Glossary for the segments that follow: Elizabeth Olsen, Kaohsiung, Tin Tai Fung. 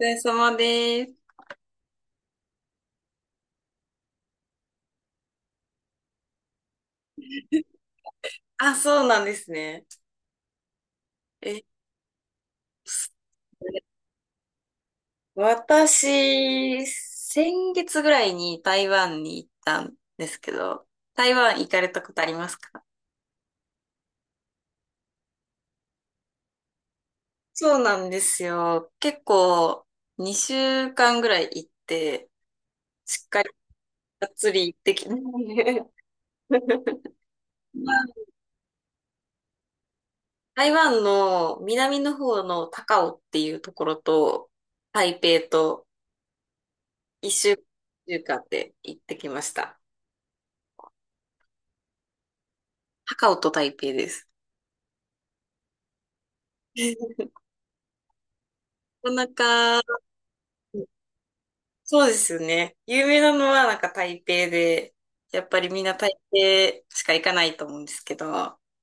お疲れ様です。あ、そうなんですね。え、私、先月ぐらいに台湾に行ったんですけど、台湾行かれたことありますか？そうなんですよ。結構、2週間ぐらい行って、しっかりがっつり行ってきたしで。 まあ、台湾の南の方の高雄っていうところと、台北と1週間で行ってきました。高オと台北です。なかなか、そうですよね。有名なのはなんか台北で、やっぱりみんな台北しか行かないと思うんですけど、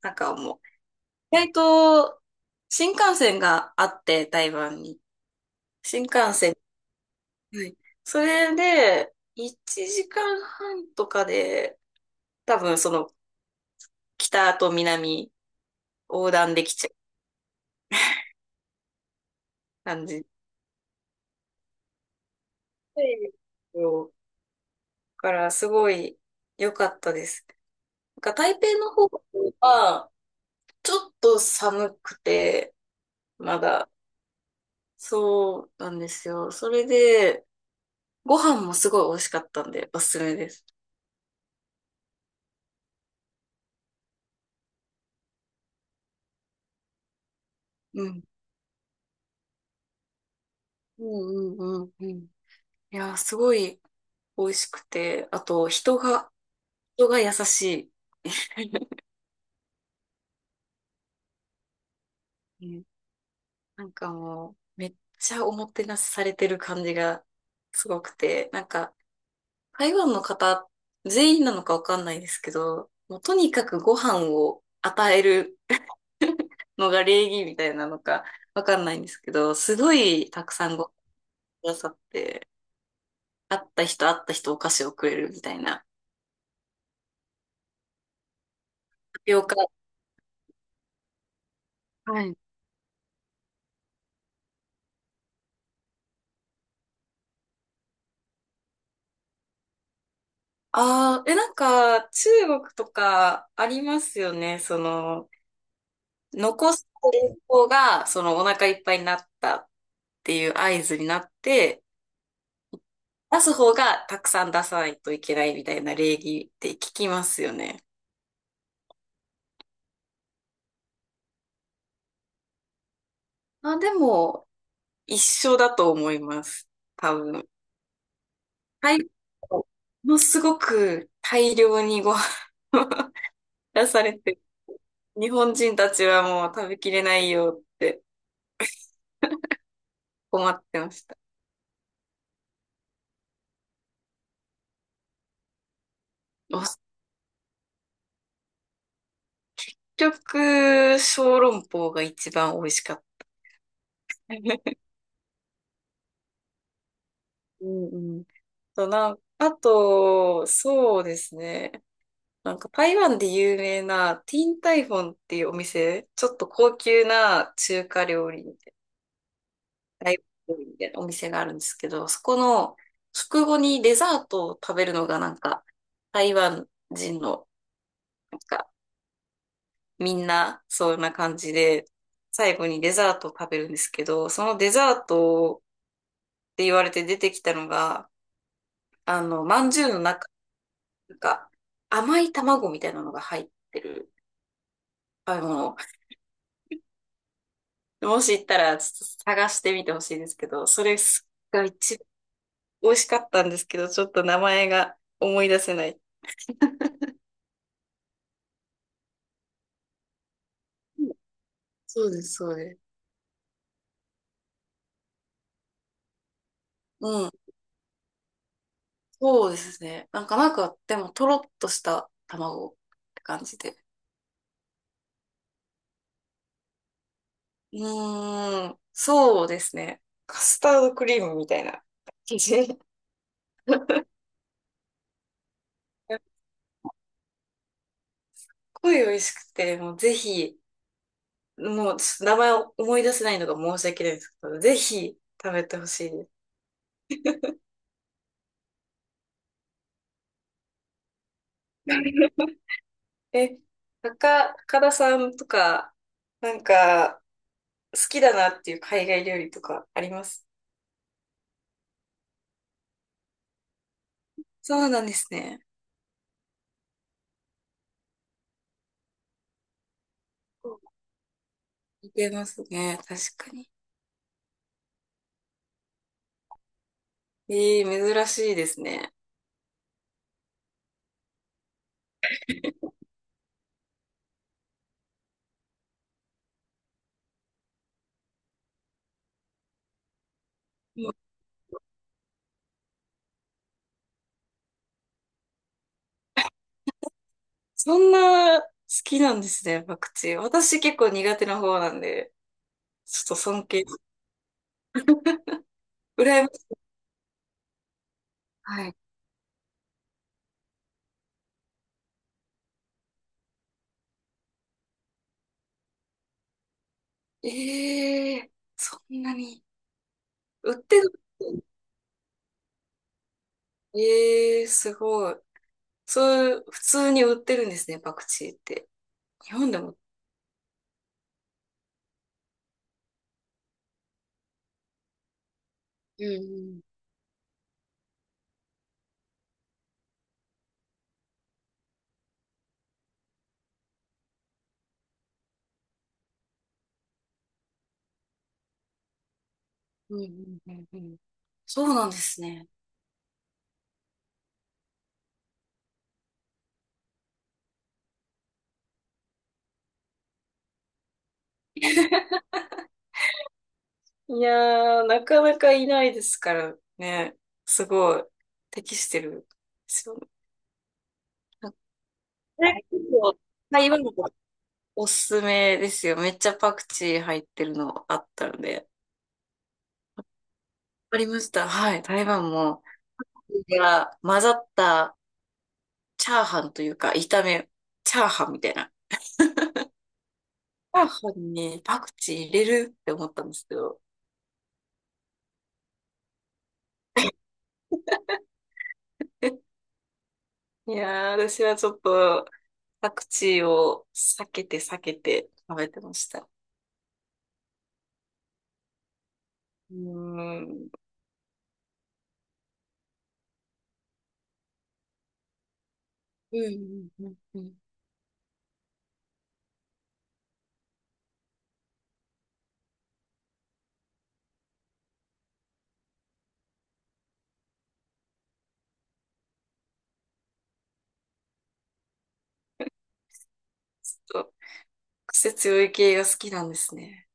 なんかもう、意外と新幹線があって、台湾に。新幹線。はい。それで、1時間半とかで、多分その北と南横断できちゃう感じで、だからすごい良かったです。なんか台北の方は、ちょっと寒くて、まだ、そうなんですよ。それで、ご飯もすごい美味しかったんで、おすすめです。うん。うんうんうんうん。いや、すごい美味しくて、あと、人が優しい。うん、なんかもう、めっちゃおもてなしされてる感じがすごくて、なんか、台湾の方、全員なのかわかんないですけど、もうとにかくご飯を与えるのが礼儀みたいなのかわかんないんですけど、すごいたくさんごくださって、会った人会った人お菓子をくれるみたいな。タピオカ。はい。ああ、なんか中国とかありますよね。その、残す方がそのお腹いっぱいになったっていう合図になって、出す方がたくさん出さないといけないみたいな礼儀って聞きますよね。あ、でも、一緒だと思います。多分。はい。ものすごく大量にご飯を 出されて、日本人たちはもう食べきれないよって困ってました。お食小籠包が一番美味しかった。うんうん。と、なん、あと、そうですね。なんか台湾で有名なティンタイフォンっていうお店、ちょっと高級な中華料理ライブみたいなお店があるんですけど、そこの食後にデザートを食べるのがなんか、台湾人の、なんか、みんな、そんな感じで、最後にデザートを食べるんですけど、そのデザートって言われて出てきたのが、まんじゅうの中、なんか、甘い卵みたいなのが入ってる食べ物。もし行ったら、ちょっと探してみてほしいんですけど、それが一番美味しかったんですけど、ちょっと名前が思い出せない。そうです、そうです。うん。そうですね。なんか、でも、とろっとした卵って感じで。うーん。そうですね。カスタードクリームみたいな感じ。すっごい美味しくて、もうぜひ、もうちょっと名前を思い出せないのが申し訳ないんですけど、ぜひ食べてほしいです。え、高田さんとか、なんか、好きだなっていう海外料理とかありますそうなんですね。似てますね。確かに。ええ、珍しいですね。うん、そんな好きなんですね、パクチー。私結構苦手な方なんで、ちょっと尊敬。羨ましい。はい。ええ、そんなに。売ってる。ええ、すごい。そういう、普通に売ってるんですね、パクチーって。日本でも。うんうん。うんうんうんうん。そうなんですね。いやー、なかなかいないですからね。すごい、適してるんですよね。これ結構、台湾のおすすめですよ。めっちゃパクチー入ってるのあったので。ありました。はい。台湾も、いや、混ざったチャーハンというか、炒め、チャーハンみたいな。チャーハンにパクチー入れるって思ったんですけど。いやー、私はちょっと、パクチーを避けて避けて食べてました。うーん。うんうんうんうん。ちょっと癖強い系が好きなんですね。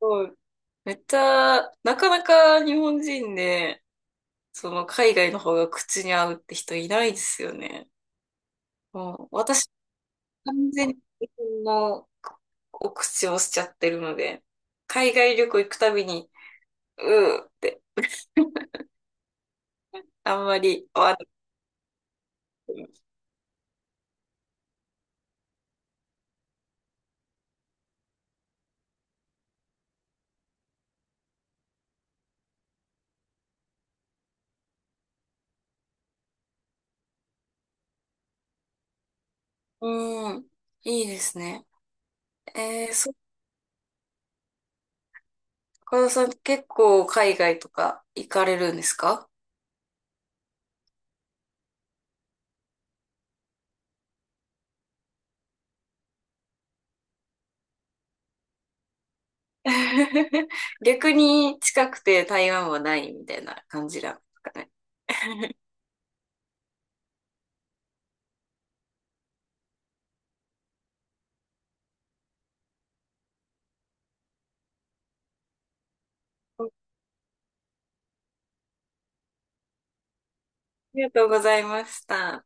そう。めっちゃ、なかなか日本人で、その海外の方が口に合うって人いないですよね。もう私、完全に日本のお口をしちゃってるので、海外旅行行くたびに、うーって、あんまり合わなくても。うん、いいですね。そっか、岡田さん結構海外とか行かれるんですか？ 逆に近くて台湾はないみたいな感じなんですかね。ありがとうございました。